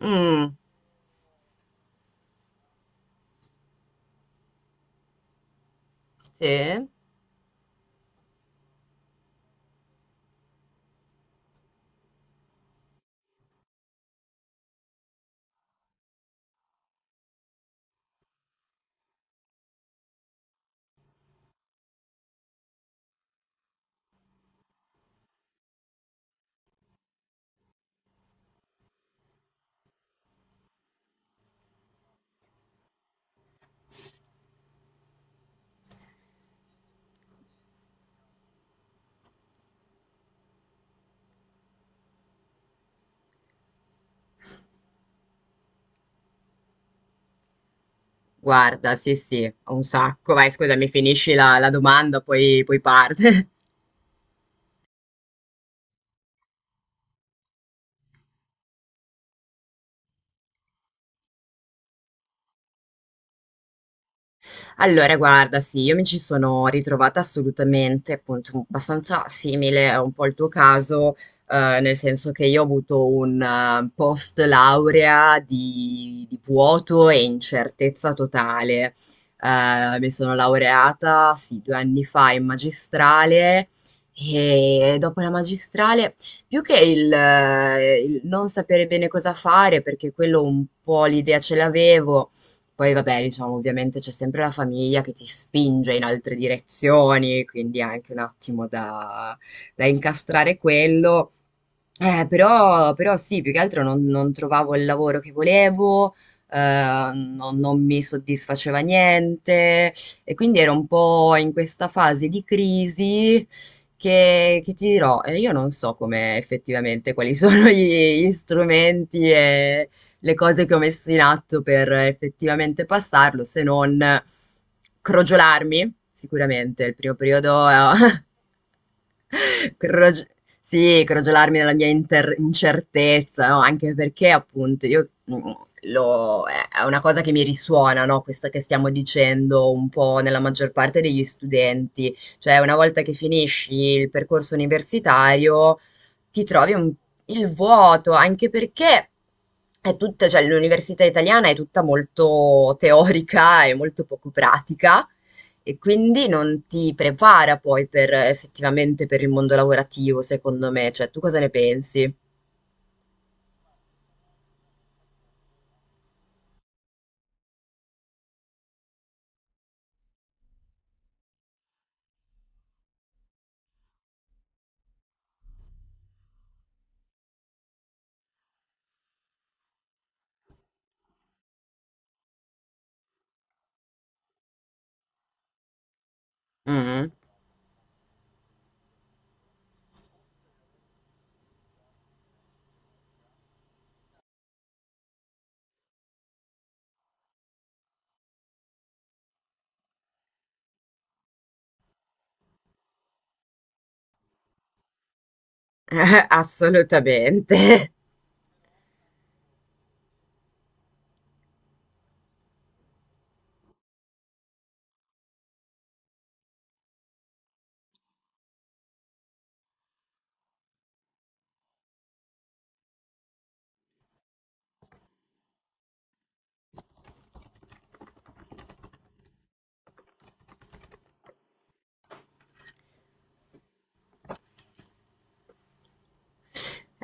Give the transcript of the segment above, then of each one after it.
Mm, sì, guarda, sì, sì, un sacco. Vai, scusami, finisci la domanda, poi parte. Allora, guarda, sì, io mi ci sono ritrovata assolutamente, appunto, abbastanza simile a un po' il tuo caso, nel senso che io ho avuto un post laurea di vuoto e incertezza totale. Mi sono laureata, sì, due anni fa in magistrale e dopo la magistrale, più che il non sapere bene cosa fare, perché quello un po' l'idea ce l'avevo poi vabbè, diciamo, ovviamente c'è sempre la famiglia che ti spinge in altre direzioni, quindi è anche un attimo da incastrare quello. Però sì, più che altro non trovavo il lavoro che volevo, eh, non mi soddisfaceva niente e quindi ero un po' in questa fase di crisi che ti dirò, io non so come effettivamente quali sono gli strumenti e, le cose che ho messo in atto per effettivamente passarlo, se non crogiolarmi. Sicuramente il primo periodo Crog sì, crogiolarmi nella mia inter incertezza, no, anche perché appunto io, mhmm, lo è una cosa che mi risuona, no, questa che stiamo dicendo un po' nella maggior parte degli studenti. Cioè una volta che finisci il percorso universitario ti trovi un il vuoto, anche perché è tutta cioè l'università italiana è tutta molto teorica e molto poco pratica. E quindi non ti prepara poi per effettivamente per il mondo lavorativo, secondo me. Cioè, tu cosa ne pensi? Mm. Assolutamente.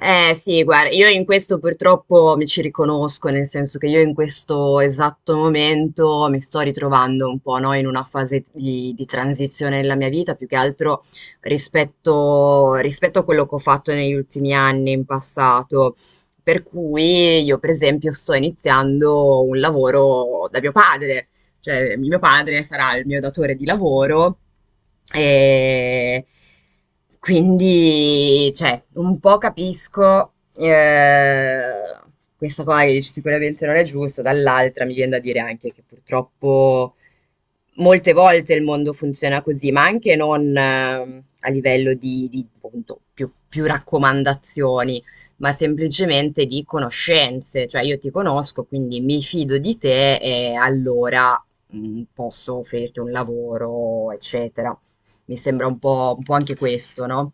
Eh sì, guarda, io in questo purtroppo mi ci riconosco, nel senso che io in questo esatto momento mi sto ritrovando un po', no, in una fase di transizione nella mia vita, più che altro rispetto a quello che ho fatto negli ultimi anni in passato. Per cui io, per esempio, sto iniziando un lavoro da mio padre. Cioè, mio padre sarà il mio datore di lavoro e quindi, cioè, un po' capisco questa cosa che dici sicuramente non è giusto, dall'altra mi viene da dire anche che purtroppo molte volte il mondo funziona così, ma anche non a livello di, appunto, più raccomandazioni, ma semplicemente di conoscenze. Cioè, io ti conosco, quindi mi fido di te e allora posso offrirti un lavoro, eccetera. Mi sembra un po' anche questo, no?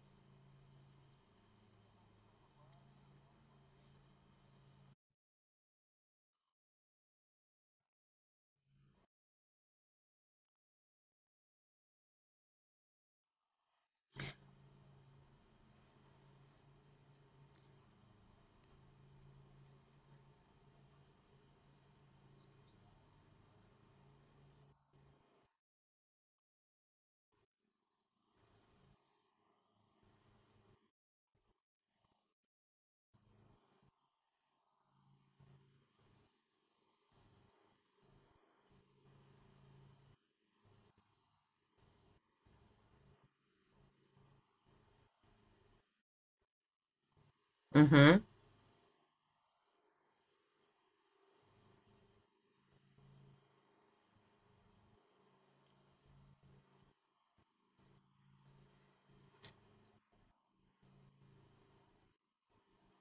Mhm.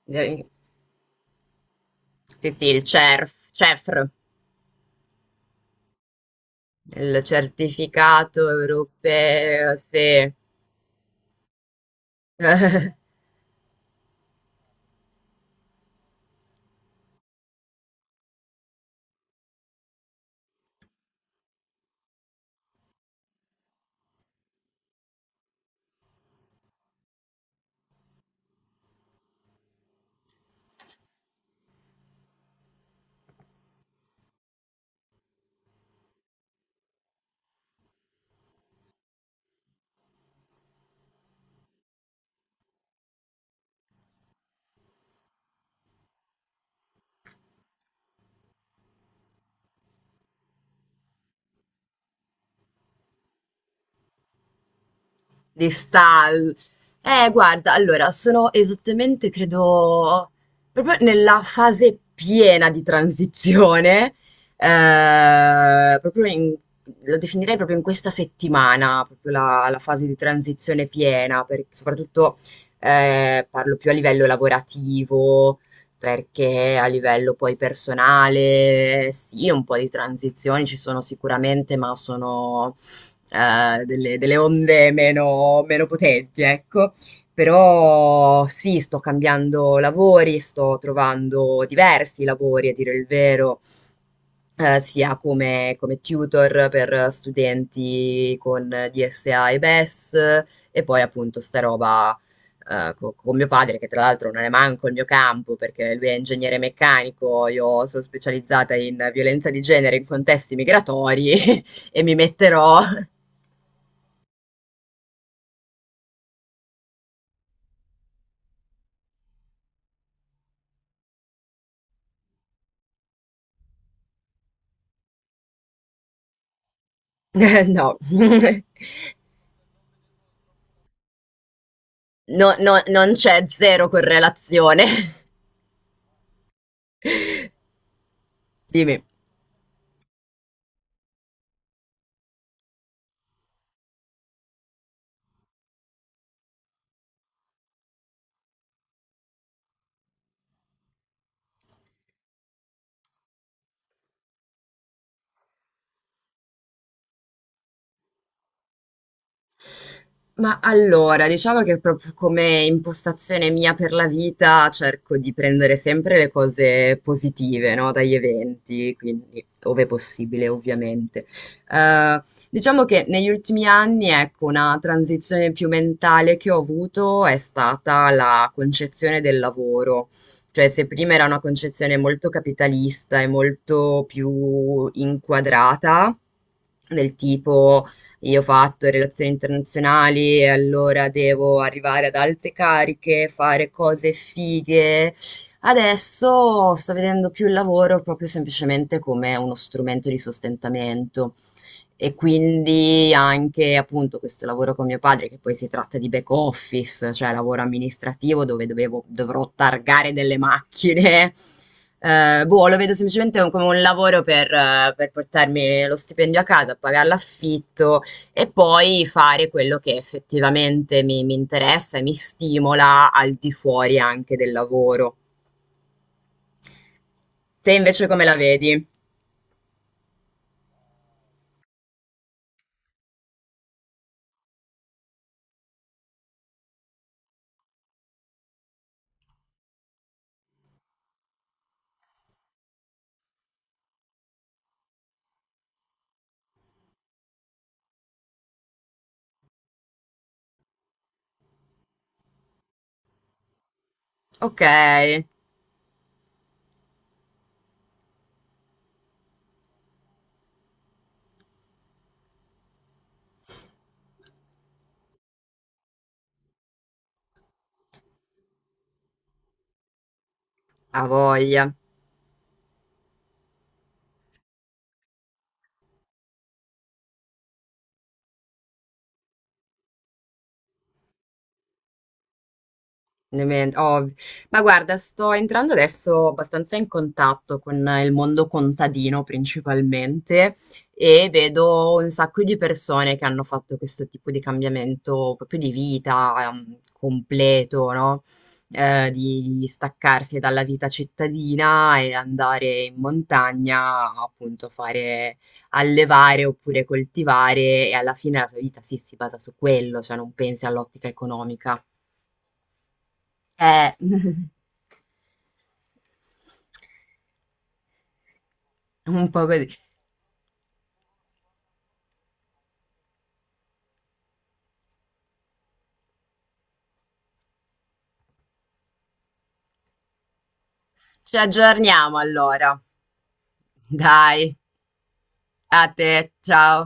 Eh, Sì, sì, il CERFR, il certificato europeo, sì. Di style. Guarda, allora, sono esattamente, credo, proprio nella fase piena di transizione, eh, proprio in- lo definirei proprio in questa settimana, proprio la fase di transizione piena, soprattutto parlo più a livello lavorativo, perché a livello poi personale, sì, un po' di transizioni ci sono sicuramente, ma sono delle onde meno potenti, ecco. Però sì, sto cambiando lavori, sto trovando diversi lavori, a dire il vero, sia come, come tutor per studenti con DSA e BES, e S, e poi appunto sta roba con mio padre, che tra l'altro non è manco il mio campo, perché lui è ingegnere meccanico, io sono specializzata in violenza di genere in contesti migratori e mi metterò. No. No, no, non c'è zero correlazione. Dimmi. Ma allora, diciamo che proprio come impostazione mia per la vita cerco di prendere sempre le cose positive, no? Dagli eventi, quindi ove possibile, ovviamente. Eh, diciamo che negli ultimi anni, ecco, una transizione più mentale che ho avuto è stata la concezione del lavoro. Cioè, se prima era una concezione molto capitalista e molto più inquadrata, del tipo io ho fatto relazioni internazionali e allora devo arrivare ad alte cariche, fare cose fighe. Adesso sto vedendo più il lavoro proprio semplicemente come uno strumento di sostentamento. E quindi anche appunto questo lavoro con mio padre, che poi si tratta di back office, cioè lavoro amministrativo dove dovrò targare delle macchine. Boh, lo vedo semplicemente come un lavoro per portarmi lo stipendio a casa, pagare l'affitto e poi fare quello che effettivamente mi interessa e mi stimola al di fuori anche del lavoro. Te invece come la vedi? Ok, ha voglia. Oh, ma guarda, sto entrando adesso abbastanza in contatto con il mondo contadino principalmente e vedo un sacco di persone che hanno fatto questo tipo di cambiamento proprio di vita, completo, no? Di staccarsi dalla vita cittadina e andare in montagna, appunto, fare allevare oppure coltivare e alla fine la tua vita sì, si basa su quello, cioè non pensi all'ottica economica eh, un po' così. Ci aggiorniamo allora. Dai, a te, ciao.